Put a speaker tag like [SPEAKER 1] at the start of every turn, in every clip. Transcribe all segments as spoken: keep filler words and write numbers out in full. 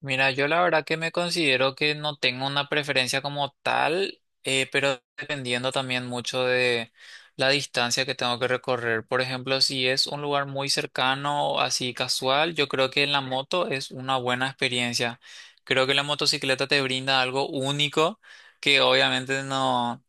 [SPEAKER 1] Mira, yo la verdad que me considero que no tengo una preferencia como tal, eh, pero dependiendo también mucho de la distancia que tengo que recorrer. Por ejemplo, si es un lugar muy cercano, así casual, yo creo que en la moto es una buena experiencia. Creo que la motocicleta te brinda algo único que obviamente no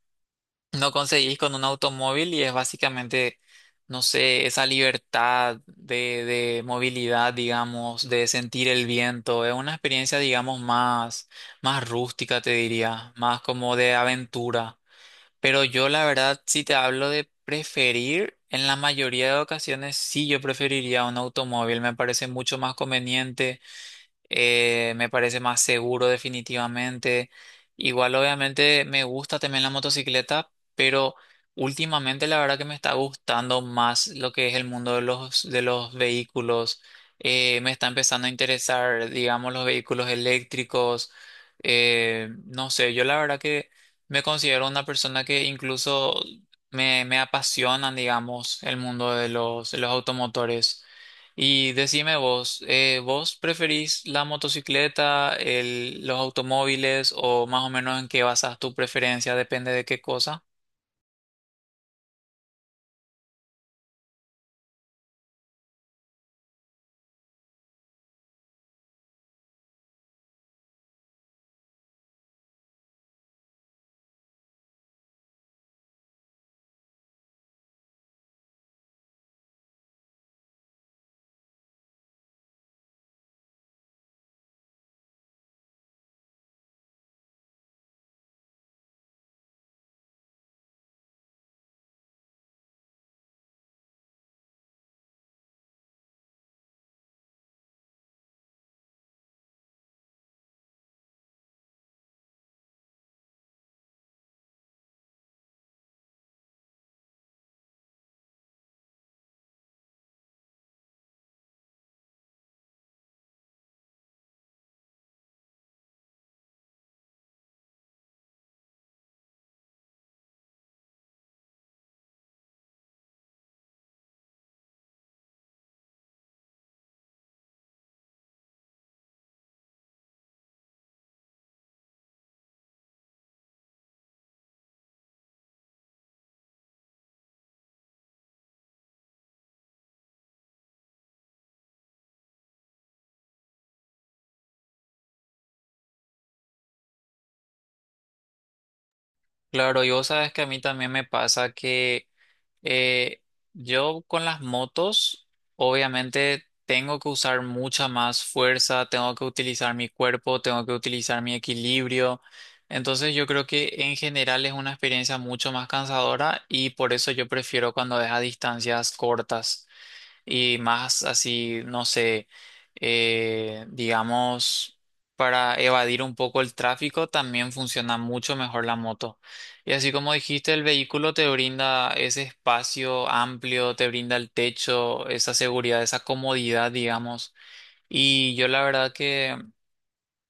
[SPEAKER 1] no conseguís con un automóvil y es básicamente, no sé, esa libertad de, de movilidad, digamos, de sentir el viento. Es una experiencia, digamos, más, más rústica, te diría, más como de aventura. Pero yo, la verdad, si te hablo de preferir, en la mayoría de ocasiones sí yo preferiría un automóvil. Me parece mucho más conveniente, eh, me parece más seguro definitivamente. Igual obviamente me gusta también la motocicleta, pero últimamente la verdad que me está gustando más lo que es el mundo de los, de los vehículos. Eh, me está empezando a interesar, digamos, los vehículos eléctricos. Eh, no sé, yo la verdad que me considero una persona que incluso me, me apasionan, digamos, el mundo de los, de los automotores. Y decime vos, eh, ¿vos preferís la motocicleta, el- los automóviles o más o menos en qué basas tu preferencia? Depende de qué cosa. Claro, y vos sabes que a mí también me pasa que eh, yo con las motos, obviamente tengo que usar mucha más fuerza, tengo que utilizar mi cuerpo, tengo que utilizar mi equilibrio. Entonces yo creo que en general es una experiencia mucho más cansadora y por eso yo prefiero cuando es a distancias cortas. Y más así, no sé, eh, digamos, para evadir un poco el tráfico, también funciona mucho mejor la moto. Y así como dijiste, el vehículo te brinda ese espacio amplio, te brinda el techo, esa seguridad, esa comodidad, digamos. Y yo la verdad que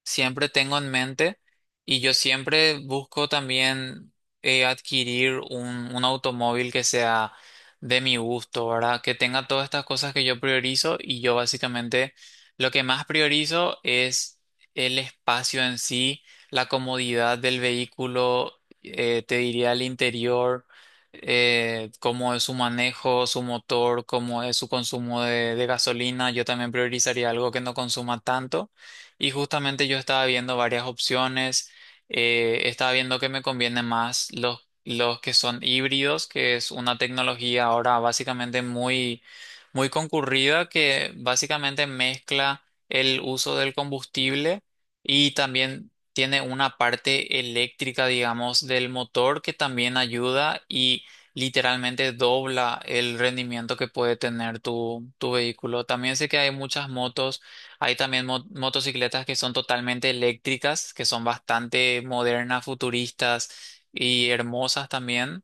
[SPEAKER 1] siempre tengo en mente y yo siempre busco también eh, adquirir un, un automóvil que sea de mi gusto, ¿verdad? Que tenga todas estas cosas que yo priorizo y yo básicamente lo que más priorizo es el espacio en sí, la comodidad del vehículo, eh, te diría el interior. Eh, cómo es su manejo, su motor, cómo es su consumo de de gasolina. Yo también priorizaría algo que no consuma tanto. Y justamente yo estaba viendo varias opciones, eh, estaba viendo que me conviene más los, los que son híbridos, que es una tecnología ahora básicamente muy, muy concurrida que básicamente mezcla el uso del combustible y también tiene una parte eléctrica, digamos, del motor que también ayuda y literalmente dobla el rendimiento que puede tener tu, tu vehículo. También sé que hay muchas motos, hay también mo- motocicletas que son totalmente eléctricas, que son bastante modernas, futuristas y hermosas también.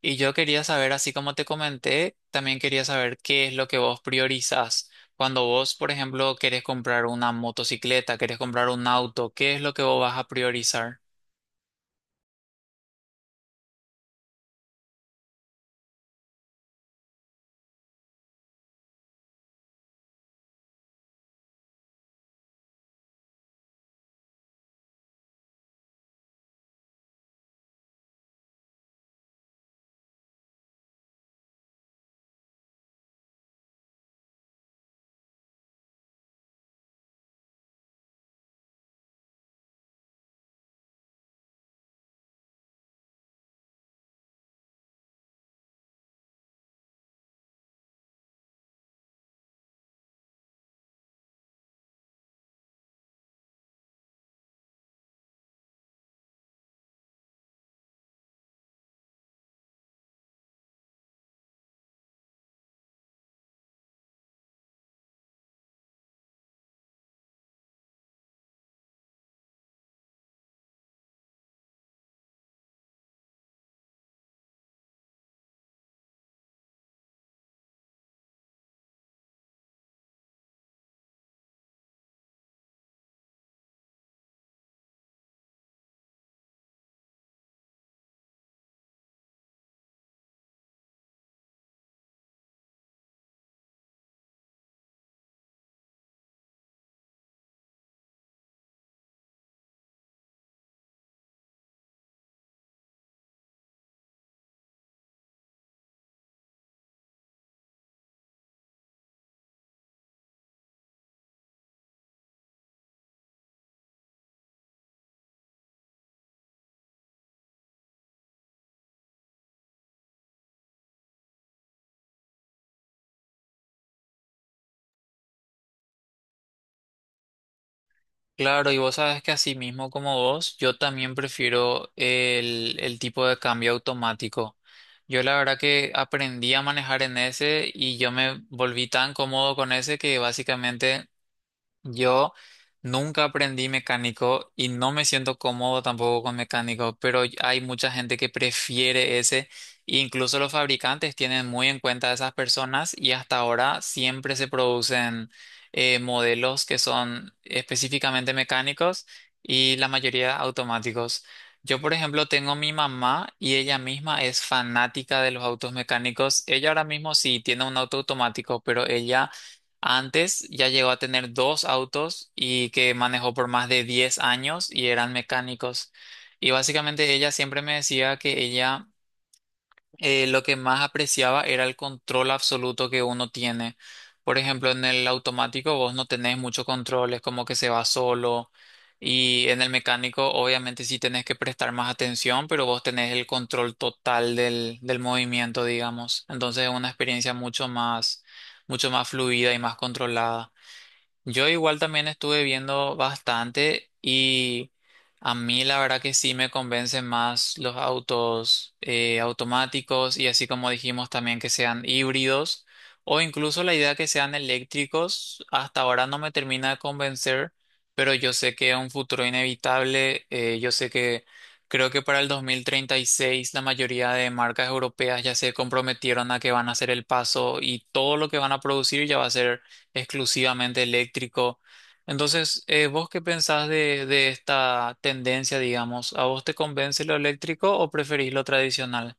[SPEAKER 1] Y yo quería saber, así como te comenté, también quería saber qué es lo que vos priorizás. Cuando vos, por ejemplo, querés comprar una motocicleta, querés comprar un auto, ¿qué es lo que vos vas a priorizar? Claro, y vos sabes que así mismo como vos, yo también prefiero el, el tipo de cambio automático. Yo la verdad que aprendí a manejar en ese y yo me volví tan cómodo con ese que básicamente yo nunca aprendí mecánico y no me siento cómodo tampoco con mecánico, pero hay mucha gente que prefiere ese. E incluso los fabricantes tienen muy en cuenta a esas personas y hasta ahora siempre se producen eh, modelos que son específicamente mecánicos y la mayoría automáticos. Yo, por ejemplo, tengo mi mamá y ella misma es fanática de los autos mecánicos. Ella ahora mismo sí tiene un auto automático, pero ella antes ya llegó a tener dos autos y que manejó por más de diez años y eran mecánicos. Y básicamente ella siempre me decía que ella, eh, lo que más apreciaba era el control absoluto que uno tiene. Por ejemplo, en el automático vos no tenés mucho control, es como que se va solo. Y en el mecánico obviamente sí tenés que prestar más atención, pero vos tenés el control total del, del movimiento, digamos. Entonces es una experiencia mucho más, mucho más fluida y más controlada. Yo igual también estuve viendo bastante y a mí la verdad que sí me convencen más los autos eh, automáticos, y así como dijimos también que sean híbridos o incluso la idea que sean eléctricos hasta ahora no me termina de convencer, pero yo sé que es un futuro inevitable. Eh, yo sé que creo que para el dos mil treinta y seis la mayoría de marcas europeas ya se comprometieron a que van a hacer el paso y todo lo que van a producir ya va a ser exclusivamente eléctrico. Entonces, eh, ¿vos qué pensás de, de esta tendencia, digamos? ¿A vos te convence lo eléctrico o preferís lo tradicional?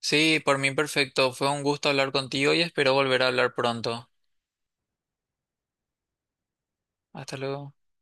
[SPEAKER 1] Sí, por mí perfecto. Fue un gusto hablar contigo y espero volver a hablar pronto. Hasta luego.